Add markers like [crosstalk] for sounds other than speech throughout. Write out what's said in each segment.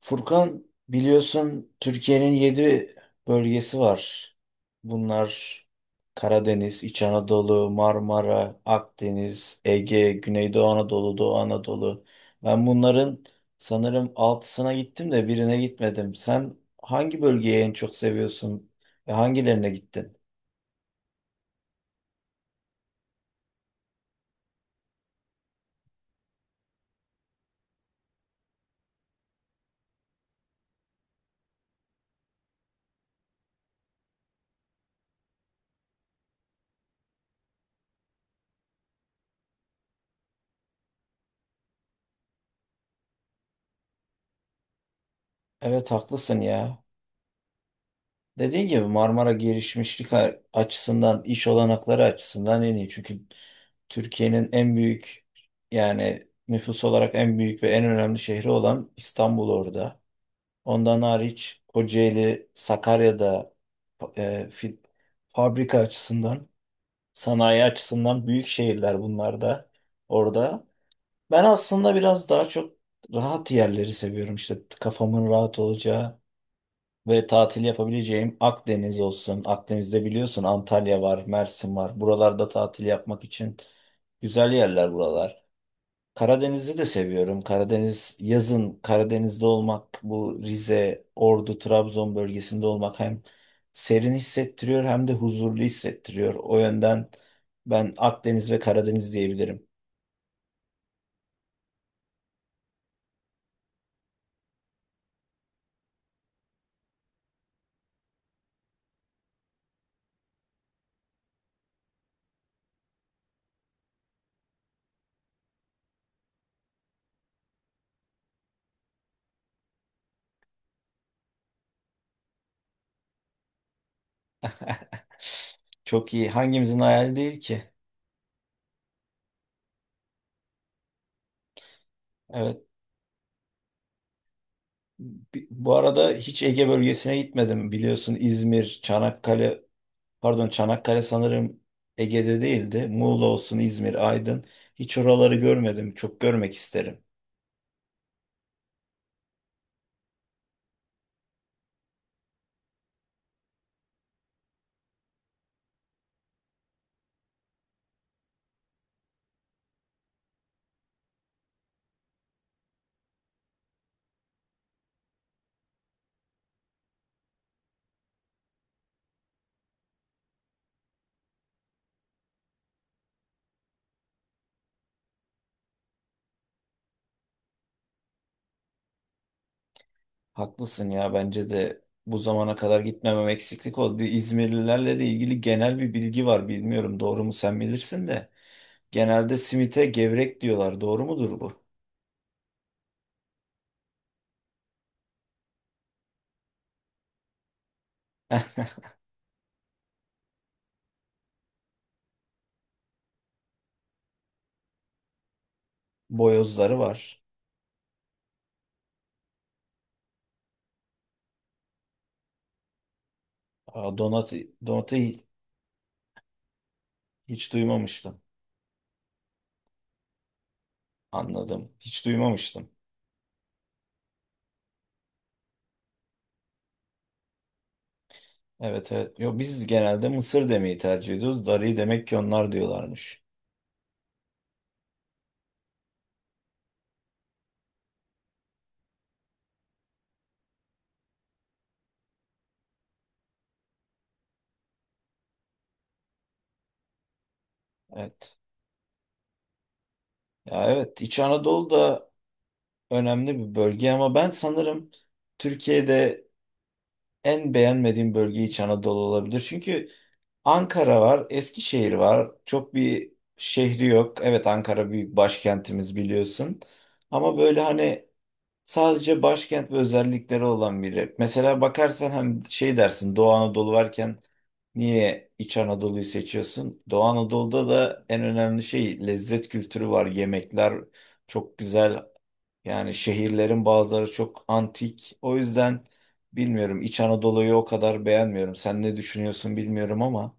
Furkan biliyorsun Türkiye'nin 7 bölgesi var. Bunlar Karadeniz, İç Anadolu, Marmara, Akdeniz, Ege, Güneydoğu Anadolu, Doğu Anadolu. Ben bunların sanırım altısına gittim de birine gitmedim. Sen hangi bölgeyi en çok seviyorsun ve hangilerine gittin? Evet, haklısın ya. Dediğin gibi Marmara gelişmişlik açısından, iş olanakları açısından en iyi. Çünkü Türkiye'nin en büyük, yani nüfus olarak en büyük ve en önemli şehri olan İstanbul orada. Ondan hariç Kocaeli, Sakarya'da e, fi- fabrika açısından, sanayi açısından büyük şehirler, bunlar da orada. Ben aslında biraz daha çok rahat yerleri seviyorum. İşte kafamın rahat olacağı ve tatil yapabileceğim Akdeniz olsun. Akdeniz'de biliyorsun Antalya var, Mersin var. Buralarda tatil yapmak için güzel yerler buralar. Karadeniz'i de seviyorum. Karadeniz, yazın Karadeniz'de olmak, bu Rize, Ordu, Trabzon bölgesinde olmak hem serin hissettiriyor hem de huzurlu hissettiriyor. O yönden ben Akdeniz ve Karadeniz diyebilirim. [laughs] Çok iyi. Hangimizin hayali değil ki? Evet. Bu arada hiç Ege bölgesine gitmedim. Biliyorsun İzmir, Çanakkale, pardon Çanakkale sanırım Ege'de değildi. Muğla olsun, İzmir, Aydın. Hiç oraları görmedim. Çok görmek isterim. Haklısın ya, bence de bu zamana kadar gitmemem eksiklik oldu. İzmirlilerle de ilgili genel bir bilgi var. Bilmiyorum doğru mu, sen bilirsin de. Genelde simite gevrek diyorlar. Doğru mudur bu? [laughs] Boyozları var. Aa, Donat, donatı hiç duymamıştım. Anladım. Hiç duymamıştım. Evet, evet. Yo, biz genelde mısır demeyi tercih ediyoruz. Darıyı demek ki onlar diyorlarmış. Evet. Ya evet, İç Anadolu da önemli bir bölge ama ben sanırım Türkiye'de en beğenmediğim bölge İç Anadolu olabilir. Çünkü Ankara var, Eskişehir var. Çok bir şehri yok. Evet, Ankara büyük başkentimiz, biliyorsun. Ama böyle hani sadece başkent ve özellikleri olan biri. Mesela bakarsan hem şey dersin, Doğu Anadolu varken niye İç Anadolu'yu seçiyorsun? Doğu Anadolu'da da en önemli şey lezzet kültürü var. Yemekler çok güzel. Yani şehirlerin bazıları çok antik. O yüzden bilmiyorum, İç Anadolu'yu o kadar beğenmiyorum. Sen ne düşünüyorsun bilmiyorum ama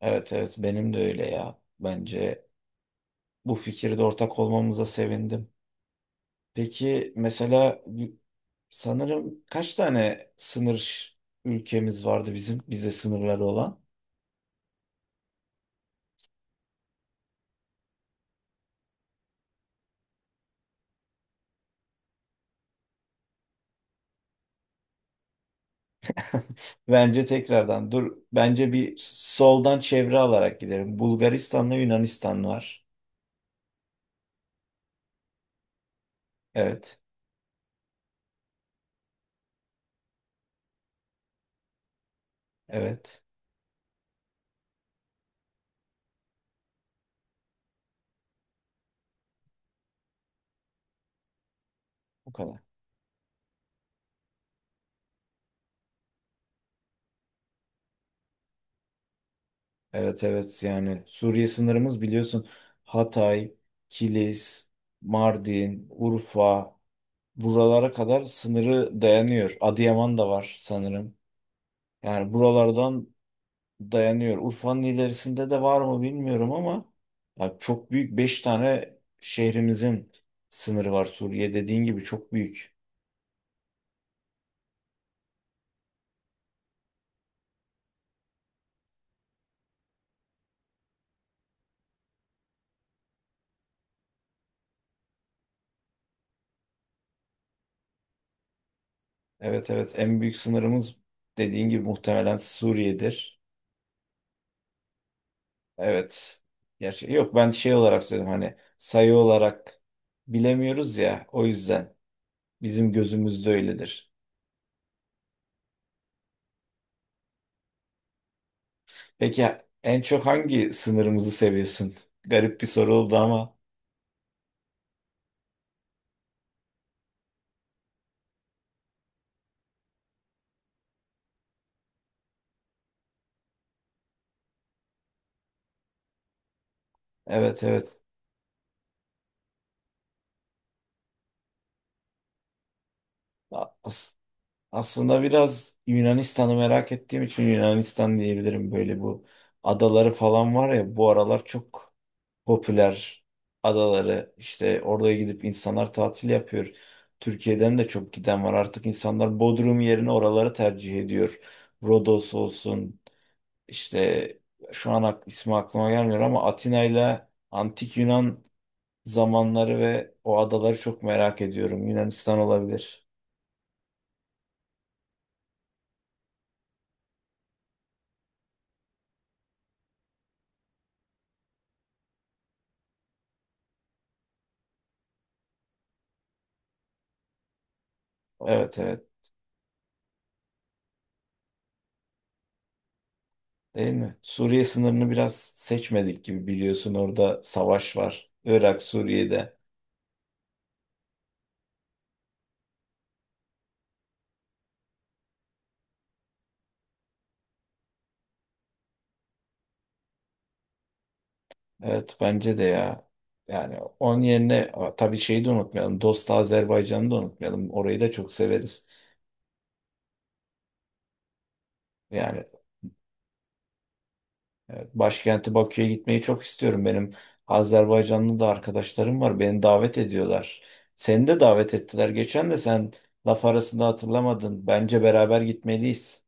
evet, evet, benim de öyle ya. Bence bu fikirde ortak olmamıza sevindim. Peki mesela sanırım kaç tane sınır ülkemiz vardı, bizim bize sınırları olan? [laughs] Bence tekrardan dur. Bence bir soldan çevre alarak gidelim. Bulgaristan'la Yunanistan var. Evet. Evet. Bu kadar. Evet, evet, yani Suriye sınırımız biliyorsun Hatay, Kilis, Mardin, Urfa, buralara kadar sınırı dayanıyor. Adıyaman da var sanırım. Yani buralardan dayanıyor. Urfa'nın ilerisinde de var mı bilmiyorum ama ya çok büyük, 5 tane şehrimizin sınırı var Suriye, dediğin gibi çok büyük. Evet, evet, en büyük sınırımız dediğin gibi muhtemelen Suriye'dir. Evet. Gerçi yok, ben şey olarak söyledim, hani sayı olarak bilemiyoruz ya, o yüzden bizim gözümüzde öyledir. Peki en çok hangi sınırımızı seviyorsun? Garip bir soru oldu ama evet, evet. Aslında biraz Yunanistan'ı merak ettiğim için Yunanistan diyebilirim. Böyle bu adaları falan var ya, bu aralar çok popüler adaları. İşte oraya gidip insanlar tatil yapıyor. Türkiye'den de çok giden var. Artık insanlar Bodrum yerine oraları tercih ediyor. Rodos olsun, işte şu an ismi aklıma gelmiyor ama Atina ile Antik Yunan zamanları ve o adaları çok merak ediyorum. Yunanistan olabilir. Evet, evet. Değil mi? Suriye sınırını biraz seçmedik gibi, biliyorsun orada savaş var. Irak, Suriye'de. Evet, bence de ya. Yani onun yerine tabii şeyi de unutmayalım. Dost Azerbaycan'ı da unutmayalım. Orayı da çok severiz. Yani başkenti Bakü'ye gitmeyi çok istiyorum. Benim Azerbaycanlı da arkadaşlarım var. Beni davet ediyorlar. Seni de davet ettiler. Geçen de sen laf arasında hatırlamadın. Bence beraber gitmeliyiz.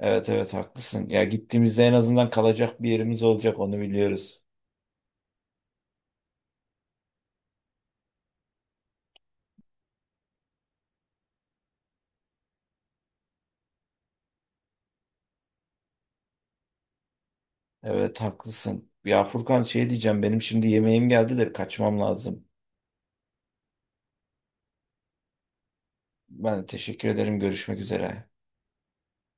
Evet, evet, haklısın. Ya gittiğimizde en azından kalacak bir yerimiz olacak, onu biliyoruz. Evet, haklısın. Ya Furkan, şey diyeceğim, benim şimdi yemeğim geldi de kaçmam lazım. Ben teşekkür ederim, görüşmek üzere.